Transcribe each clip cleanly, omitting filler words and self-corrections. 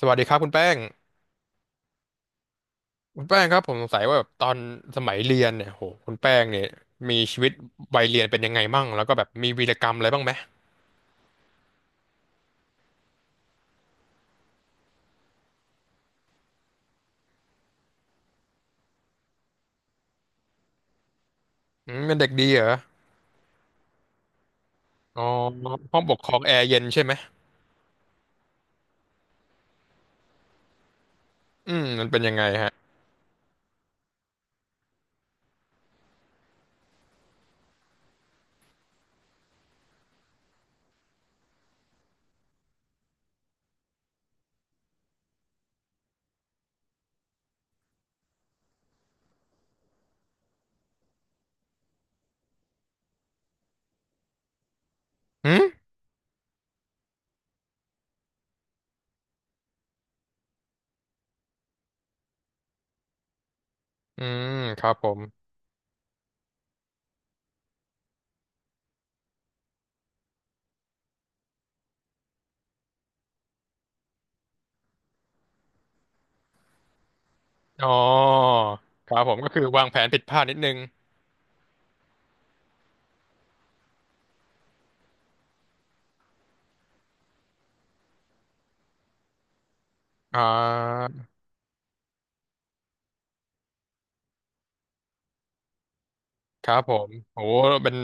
สวัสดีครับคุณแป้งคุณแป้งครับผมสงสัยว่าแบบตอนสมัยเรียนเนี่ยโหคุณแป้งเนี่ยมีชีวิตวัยเรียนเป็นยังไงมั่งแล้วก็แบบมีวีรกรรมอะไรบ้างไหมอืมเป็นเด็กดีเหรออ๋อห้องปกครองแอร์เย็นใช่ไหมมันเป็นยังไงฮะอืมอืมครับผมอ๋อครับผมก็คือวางแผนผิดพลาดนิดนึงอ่าครับผมโหเป็น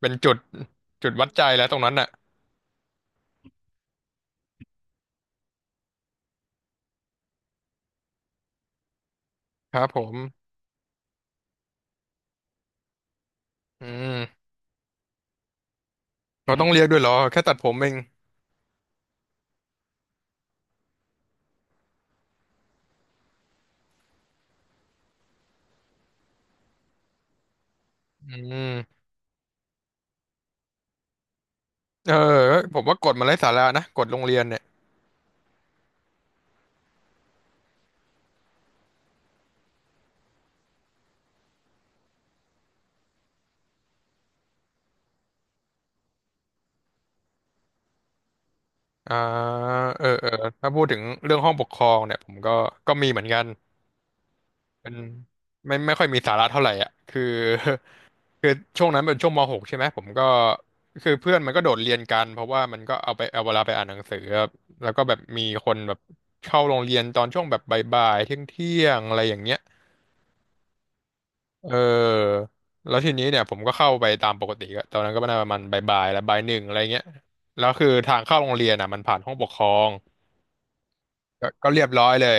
เป็นจุดจุดวัดใจแล้วตรงนั้นน่ะครับผมอืมเราต้องเรียกด้วยเหรอแค่ตัดผมเองอืม เออผมว่ากฎมันไร้สาระนะกฎโรงเรียนเนี่ยอ่าเออเออถ้าพูดถึงเรื่องห้องปกครองเนี่ยผมก็ก็มีเหมือนกันเป็นไม่ค่อยมีสาระเท่าไหร่อ่ะคือ คือช่วงนั้นเป็นช่วงม .6 ใช่ไหมผมก็คือเพื่อนมันก็โดดเรียนกันเพราะว่ามันก็เอาไปเอาเวลาไปอ่านหนังสือครับแล้วก็แบบมีคนแบบเข้าโรงเรียนตอนช่วงแบบบ่ายๆเที่ยงเที่ยงอะไรอย่างเงี้ย เออแล้วทีนี้เนี่ยผมก็เข้าไปตามปกติก็ตอนนั้นก็น่าประมาณบ่ายๆแล้วบ่ายหนึ่งอะไรเงี้ยแล้วคือทางเข้าโรงเรียนอ่ะมันผ่านห้องปกครองก็เรียบร้อยเลย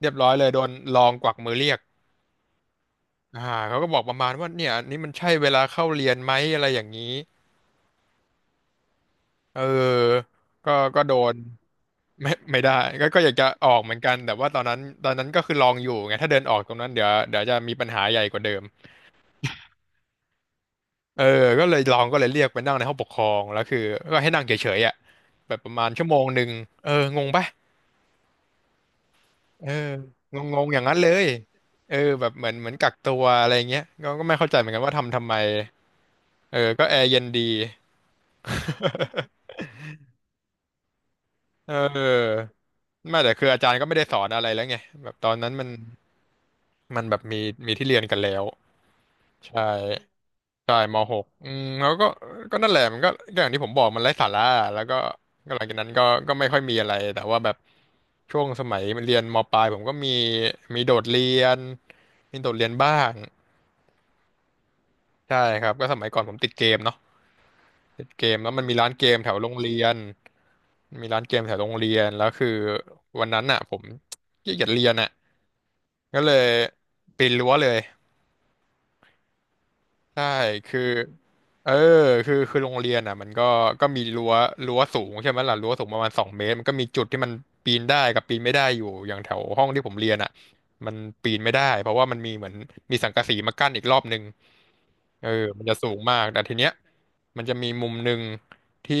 เรียบร้อยเลยโดนรองกวักมือเรียกอ่าเขาก็บอกประมาณว่าเนี่ยอันนี่มันใช่เวลาเข้าเรียนไหมอะไรอย่างนี้เออก็โดน ไม่ได้ก็อยากจะออกเหมือนกันแต่ว่าตอนนั้นก็คือลองอยู่ไงถ้าเดินออกตรงนั้นเดี๋ยวจะมีปัญหาใหญ่กว่าเดิม เออก็เลยลองก็เลยเรียกไปนั่งในห้องปกครองแล้วคือก็ให้นั่งเฉยๆอ่ะแบบประมาณชั่วโมงหนึ่งเอองงปะเอองงงๆอย่างนั้นเลยเออแบบเหมือนกักตัวอะไรเงี้ยก็ไม่เข้าใจเหมือนกันว่าทำไมเออก็แอร์เย็นดีเออไม่แต่คืออาจารย์ก็ไม่ได้สอนอะไรแล้วไงแบบตอนนั้นมันมันแบบมีมีที่เรียนกันแล้วใช่ ใช่มหกอืมแล้วก็ก็นั่นแหละมันก็ก็อย่างที่ผมบอกมันไร้สาระอะแล้วก็ก็หลังจากนั้นก็ก็ไม่ค่อยมีอะไรแต่ว่าแบบช่วงสมัยเรียนมปลายผมก็มีมีโดดเรียนมีโดดเรียนบ้างใช่ครับก็สมัยก่อนผมติดเกมเนาะติดเกมแล้วมันมีร้านเกมแถวโรงเรียนมีร้านเกมแถวโรงเรียนแล้วคือวันนั้นอ่ะผมขี้เกียจเรียนอ่ะก็เลยปีนรั้วเลย ใช่คือเออคือโรงเรียนอ่ะมันก็ก็มีรั้วรั้วสูงใช่ไหมล่ะรั้วสูงประมาณสองเมตรมันก็มีจุดที่มันปีนได้กับปีนไม่ได้อยู่ อย่างแถวห้องที่ผมเรียนอ่ะมันปีนไม่ได้เพราะว่ามันมีเหมือนมีสังกะสีมากั้นอีกรอบนึงเออมันจะสูงมากแต่ทีเนี้ยมันจะมีมุมหนึ่งที่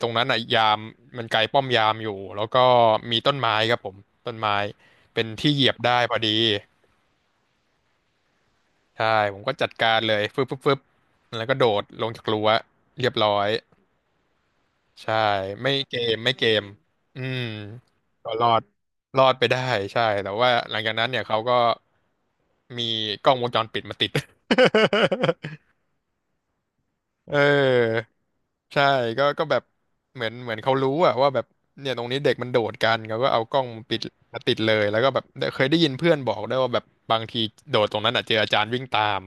ตรงนั้นอ่ะยามมันไกลป้อมยามอยู่ แล้วก็มีต้นไม้ครับผมต้นไม้เป็นที่เหยียบได้พอดี ใช่ผมก็จัดการเลยฟึบฟึบฟึบแล้วก็โดดลงจากรั้วเรียบร้อยใช่ไม่เกมไม่เกมอืมก็รอดรอดไปได้ใช่แต่ว่าหลังจากนั้นเนี่ยเขาก็มีกล้องวงจรปิดมาติด เออใช่ก็ก็แบบเหมือนเขารู้อะว่าแบบเนี่ยตรงนี้เด็กมันโดดกันเขาก็เอากล้องปิดมาติดเลยแล้วก็แบบเคยได้ยินเพื่อนบอกได้วยว่าแบบบางทีโดดตรงนั้นอะเจออาจารย์วิ่งตาม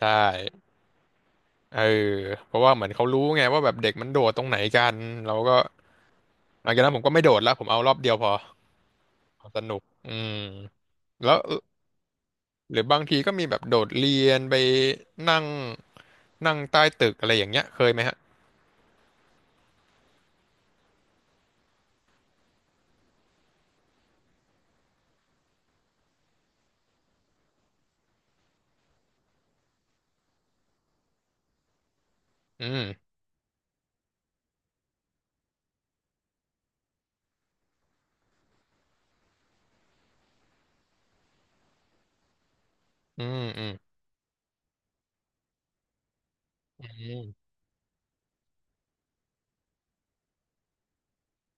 ใช่ เออเพราะว่าเหมือนเขารู้ไงว่าแบบเด็กมันโดดตรงไหนกันเราก็หลังจากนั้นผมก็ไม่โดดแล้วผมเอารอบเดียวพอเอาสนุกอืมแล้วหรือบางทีก็มีแบบโดดเรียนไปนั่งนั่งใต้ตึกอะไรอย่างเงี้ยเคยไหมฮะอืมอืมอืมอืม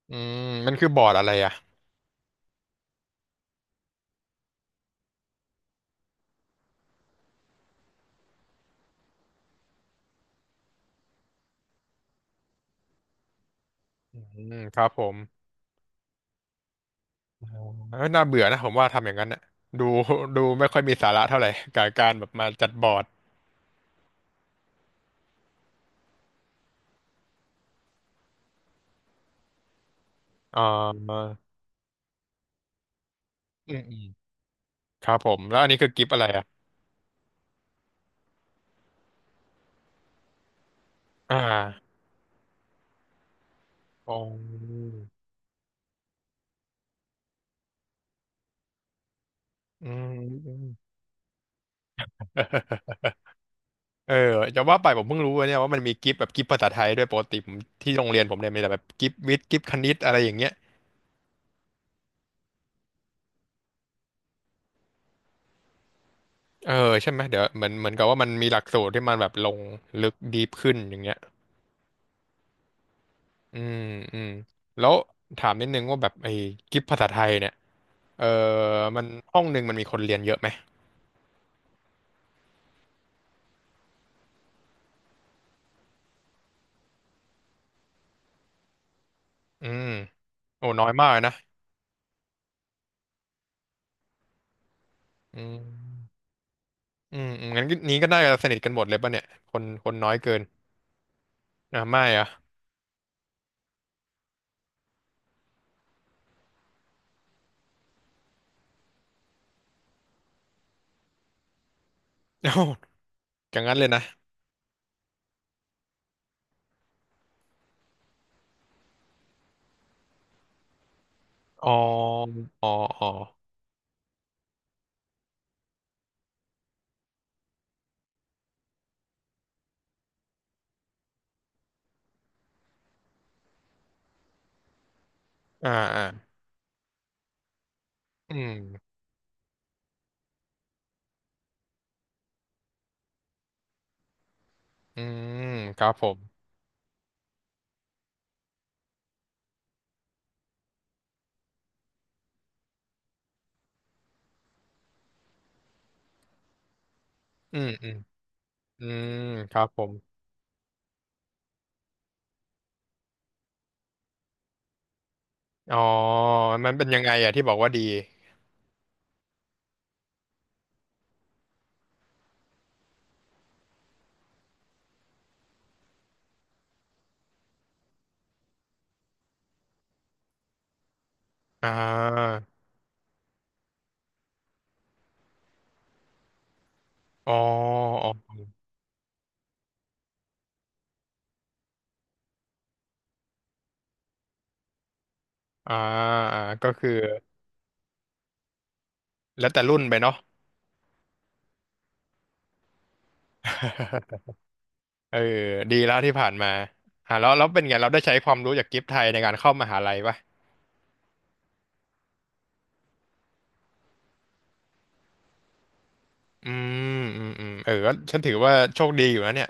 อืมมันคือบอร์ดอะไรอ่ะอืครับผมอ๋อเอ้ยน่าเบื่อนะผมว่าทำอย่างนั้นน่ะดูดูไม่ค่อยมีสาระเท่าไหร่กับการแบบมาจัดบอร์ดอ่าอืมอืมครับผมแล้วอันนี้คือกิฟต์อะไรอ่ะอ่า อ๋ออืม อืมเออจะว่าไปผมเพิ่งรู้ว่าเนี่ยว่ามันมีกิฟต์แบบกิฟต์ภาษาไทยด้วยปกติผมที่โรงเรียนผมเนี่ยมีแต่แบบกิฟต์วิทย์กิฟต์คณิตอะไรอย่างเงี้ยเออใช่ไหมเดี๋ยวเหมือนกับว่ามันมีหลักสูตรที่มันแบบลงลึกดีฟขึ้นอย่างเงี้ยอืมอืมแล้วถามนิดนึงว่าแบบไอ้กิฟต์ภาษาไทยเนี่ยเออมันห้องหนึ่งมันมีคนเรียนเยอะไหมอืมโอ้น้อยมากเลยนะอืมงั้นนี้ก็น่าจะสนิทกันหมดเลยป่ะเนี่ยคนน้อยเกินอ่ะไม่อ่ะ อย่างนั้นเลยนะอ๋ออ๋ออ๋ออ่าอ่าอืมอืมครับผมอืมอืมอืมครับผมอ๋อมันเป็นยังไงอะที่บอกว่าดีอ่าอ๋ออ๋ออ่าอ่าก็คือแล้วแต่รุ่นไปเนาะ เออดีแล้วที่ผ่านมาอ่าแล้วแล้วเป็นไงเราได้ใช้ความรู้จากกิฟต์ไทยในการเข้ามหาลัยปะอืเออก็ฉันถือว่าโชคดีอยู่นะเนี่ย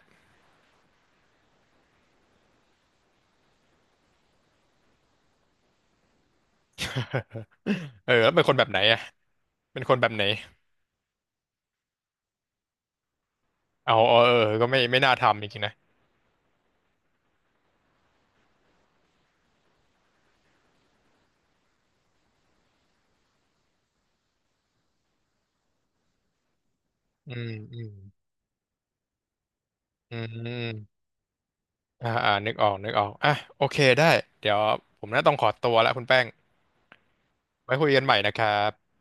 เออแล้วเป็นคนแบบไหนอะเป็นคนแบบไหนเอาเออเออก็ไม่น่าทำจริงๆนะ อืมอืมอืมนึกออกอ่ะโอเคได้เดี๋ยวผมน่าต้องขอตัวละคุณแป้งไว้คุยกันใหม่นะครับ